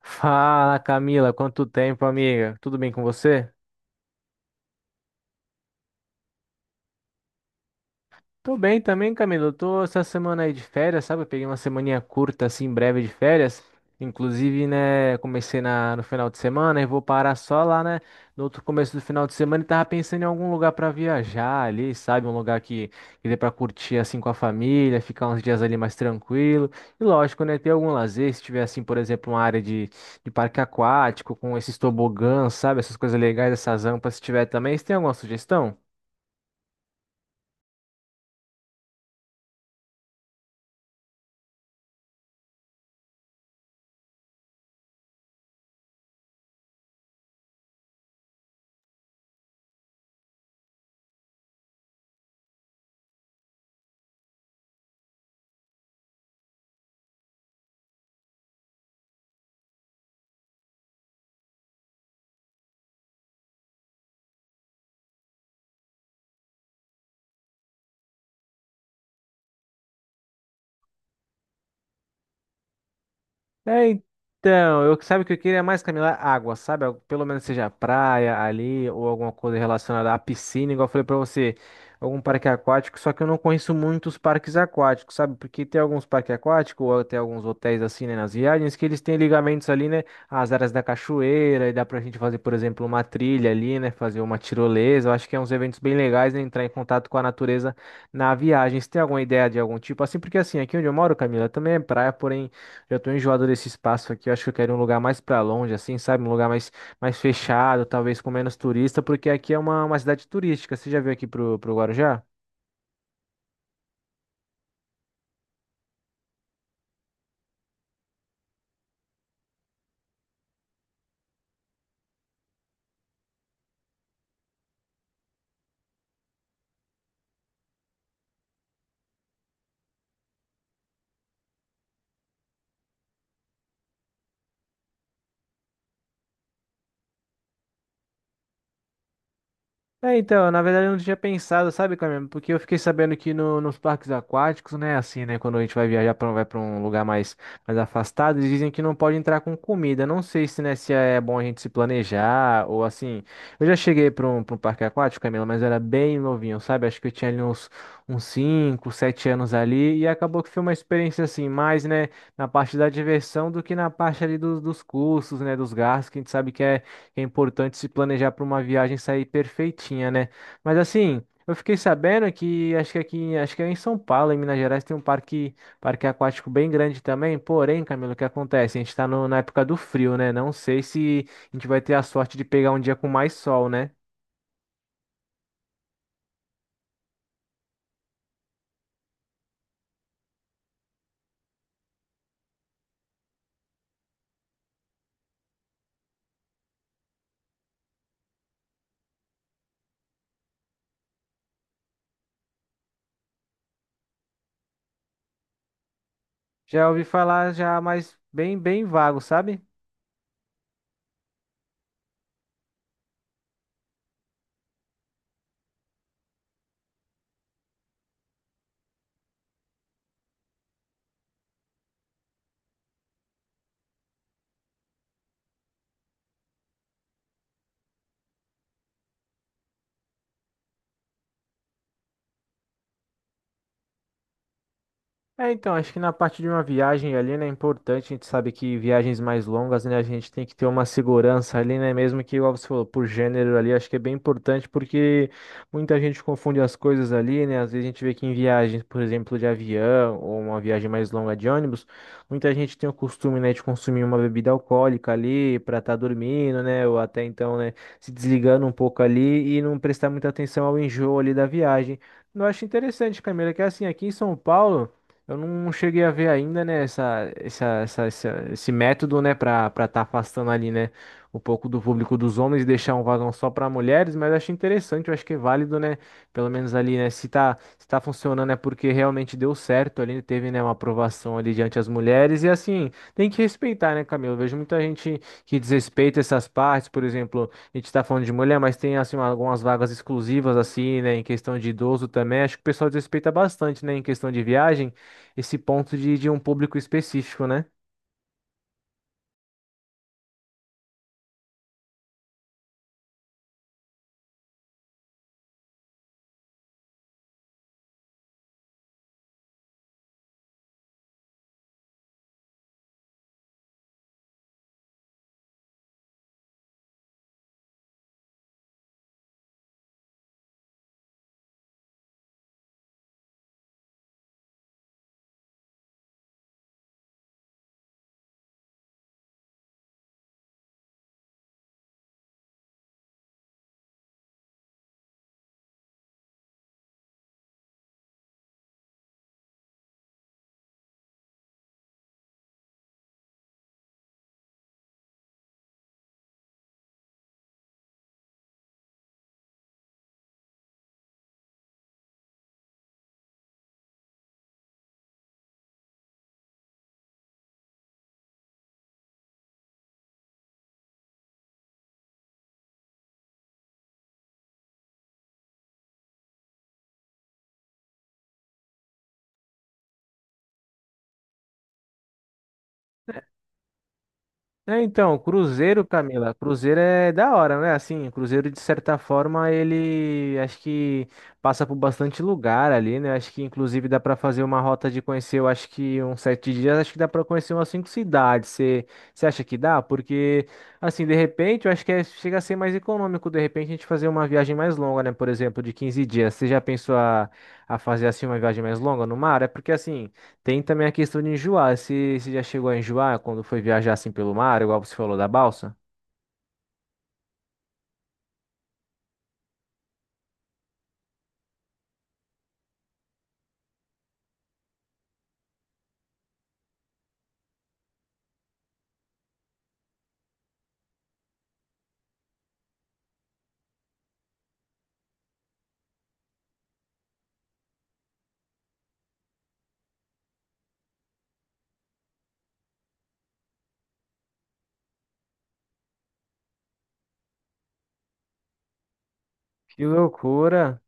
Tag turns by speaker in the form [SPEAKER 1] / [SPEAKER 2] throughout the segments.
[SPEAKER 1] Fala, Camila, quanto tempo, amiga? Tudo bem com você? Tô bem também, Camilo. Eu tô essa semana aí de férias, sabe? Eu peguei uma semaninha curta, assim, breve de férias. Inclusive, né, comecei no final de semana e vou parar só lá, né, no outro começo do final de semana e tava pensando em algum lugar pra viajar ali, sabe? Um lugar que dê pra curtir, assim, com a família, ficar uns dias ali mais tranquilo. E lógico, né, ter algum lazer, se tiver, assim, por exemplo, uma área de parque aquático com esses tobogãs, sabe? Essas coisas legais, essas rampas, se tiver também. Você tem alguma sugestão? É, então, eu sabe o que eu queria mais, Camila? Água, sabe? Pelo menos seja praia ali ou alguma coisa relacionada à piscina, igual eu falei pra você, algum parque aquático, só que eu não conheço muitos parques aquáticos, sabe? Porque tem alguns parques aquáticos ou até alguns hotéis assim, né, nas viagens, que eles têm ligamentos ali, né, às áreas da cachoeira e dá pra gente fazer, por exemplo, uma trilha ali, né, fazer uma tirolesa. Eu acho que é uns eventos bem legais, né, entrar em contato com a natureza na viagem. Você tem alguma ideia de algum tipo assim? Porque assim, aqui onde eu moro, Camila, também é praia, porém já tô enjoado desse espaço aqui. Eu acho que eu quero um lugar mais pra longe, assim, sabe? Um lugar mais, mais fechado, talvez com menos turista, porque aqui é uma cidade turística. Você já veio aqui pro Guarujá? É, então, na verdade eu não tinha pensado, sabe, Camila? Porque eu fiquei sabendo que nos parques aquáticos, né, assim, né, quando a gente vai viajar para um lugar mais, mais afastado, eles dizem que não pode entrar com comida. Não sei se, né, se é bom a gente se planejar ou assim. Eu já cheguei para um parque aquático, Camila, mas eu era bem novinho, sabe? Acho que eu tinha ali uns 5 7 anos ali e acabou que foi uma experiência assim, mais, né, na parte da diversão do que na parte ali dos custos, né, dos gastos, que a gente sabe que é importante se planejar para uma viagem sair perfeitinha, né? Mas assim, eu fiquei sabendo que acho que aqui, acho que é em São Paulo, em Minas Gerais, tem um parque aquático bem grande também. Porém, Camilo, o que acontece? A gente está na época do frio, né? Não sei se a gente vai ter a sorte de pegar um dia com mais sol, né? Já ouvi falar já, mas bem, bem vago, sabe? É, então, acho que na parte de uma viagem ali, né, é importante, a gente sabe que viagens mais longas, né, a gente tem que ter uma segurança ali, né, mesmo que, igual você falou, por gênero ali, acho que é bem importante porque muita gente confunde as coisas ali, né, às vezes a gente vê que em viagens, por exemplo, de avião ou uma viagem mais longa de ônibus, muita gente tem o costume, né, de consumir uma bebida alcoólica ali para estar dormindo, né, ou até então, né, se desligando um pouco ali e não prestar muita atenção ao enjoo ali da viagem. Eu acho interessante, Camila, que assim, aqui em São Paulo, eu não cheguei a ver ainda, né, esse método, né, para estar afastando ali, né, um pouco do público dos homens e deixar um vagão só para mulheres, mas eu achei interessante, eu acho que é válido, né, pelo menos ali, né, se tá funcionando é porque realmente deu certo ali, teve, né, uma aprovação ali diante as mulheres e assim, tem que respeitar, né, Camilo? Eu vejo muita gente que desrespeita essas partes, por exemplo, a gente tá falando de mulher, mas tem, assim, algumas vagas exclusivas, assim, né, em questão de idoso também, acho que o pessoal desrespeita bastante, né, em questão de viagem, esse ponto de um público específico, né? É, então, Cruzeiro, Camila, Cruzeiro é da hora, né? Assim, Cruzeiro, de certa forma, ele acho que passa por bastante lugar ali, né? Acho que, inclusive, dá para fazer uma rota de conhecer, eu acho que uns 7 dias, acho que dá para conhecer umas 5 cidades. Você acha que dá? Porque, assim, de repente, eu acho que é- chega a ser mais econômico, de repente, a gente fazer uma viagem mais longa, né? Por exemplo, de 15 dias. Você já pensou a fazer, assim, uma viagem mais longa no mar? É porque, assim. Tem também a questão de enjoar. Se você já chegou a enjoar quando foi viajar assim pelo mar, igual você falou da balsa? Que loucura!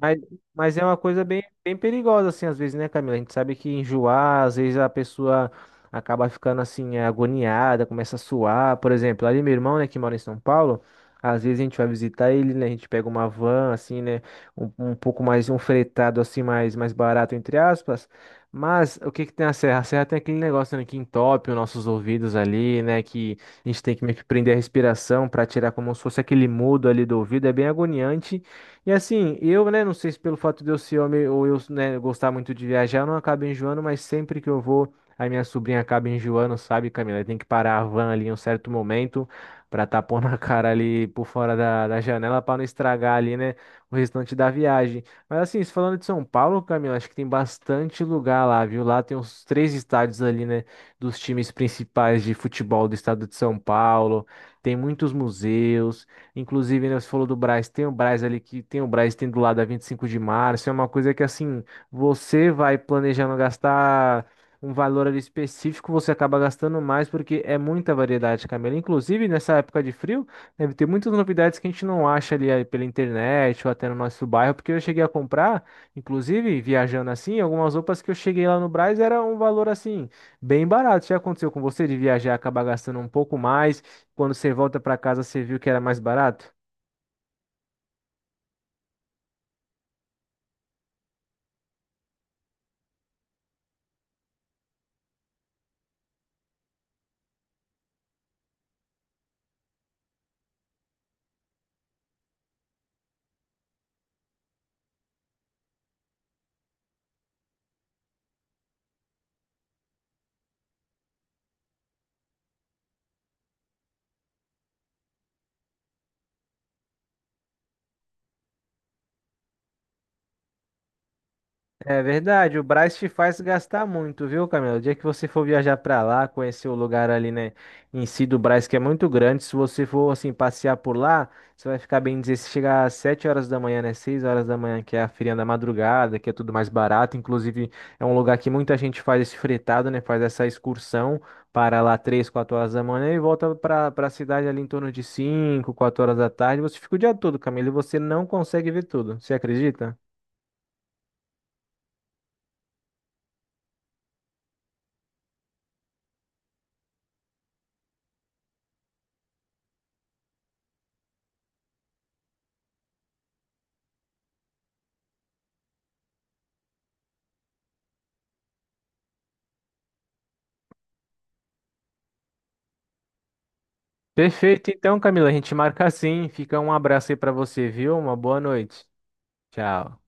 [SPEAKER 1] Mas, mas é uma coisa bem, bem perigosa, assim, às vezes, né, Camila? A gente sabe que enjoar, às vezes a pessoa acaba ficando, assim, agoniada, começa a suar. Por exemplo, ali meu irmão, né, que mora em São Paulo, às vezes a gente vai visitar ele, né, a gente pega uma van, assim, né, um pouco mais, um fretado, assim, mais barato, entre aspas. Mas o que que tem a serra? A serra tem aquele negócio, né, que entope os nossos ouvidos ali, né, que a gente tem que meio que prender a respiração para tirar como se fosse aquele mudo ali do ouvido. É bem agoniante. E assim, eu, né, não sei se pelo fato de eu ser homem ou eu, né, gostar muito de viajar, eu não acabo enjoando, mas sempre que eu vou, a minha sobrinha acaba enjoando, sabe, Camila? Tem que parar a van ali em um certo momento pra tapar na cara ali por fora da janela pra não estragar ali, né, o restante da viagem. Mas assim, se falando de São Paulo, Camila, acho que tem bastante lugar lá, viu? Lá tem uns três estádios ali, né, dos times principais de futebol do estado de São Paulo, tem muitos museus. Inclusive, né, você falou do Brás, tem o Brás ali que tem o Brás tem do lado a 25 de março, é uma coisa que assim, você vai planejando gastar um valor ali específico, você acaba gastando mais porque é muita variedade, Camila. Inclusive, nessa época de frio, deve ter muitas novidades que a gente não acha ali pela internet ou até no nosso bairro, porque eu cheguei a comprar, inclusive, viajando assim, algumas roupas que eu cheguei lá no Brás era um valor assim, bem barato. Já aconteceu com você de viajar e acabar gastando um pouco mais? Quando você volta pra casa, você viu que era mais barato? É verdade, o Brás te faz gastar muito, viu, Camila? O dia que você for viajar pra lá, conhecer o lugar ali, né, em si do Brás, que é muito grande, se você for, assim, passear por lá, você vai ficar bem dizer, se chegar às 7 horas da manhã, né, 6 horas da manhã, que é a feirinha da madrugada, que é tudo mais barato, inclusive é um lugar que muita gente faz esse fretado, né, faz essa excursão para lá 3, 4 horas da manhã e volta pra cidade ali em torno de 5, 4 horas da tarde, você fica o dia todo, Camila, e você não consegue ver tudo, você acredita? Perfeito, então, Camila, a gente marca assim. Fica um abraço aí pra você, viu? Uma boa noite. Tchau.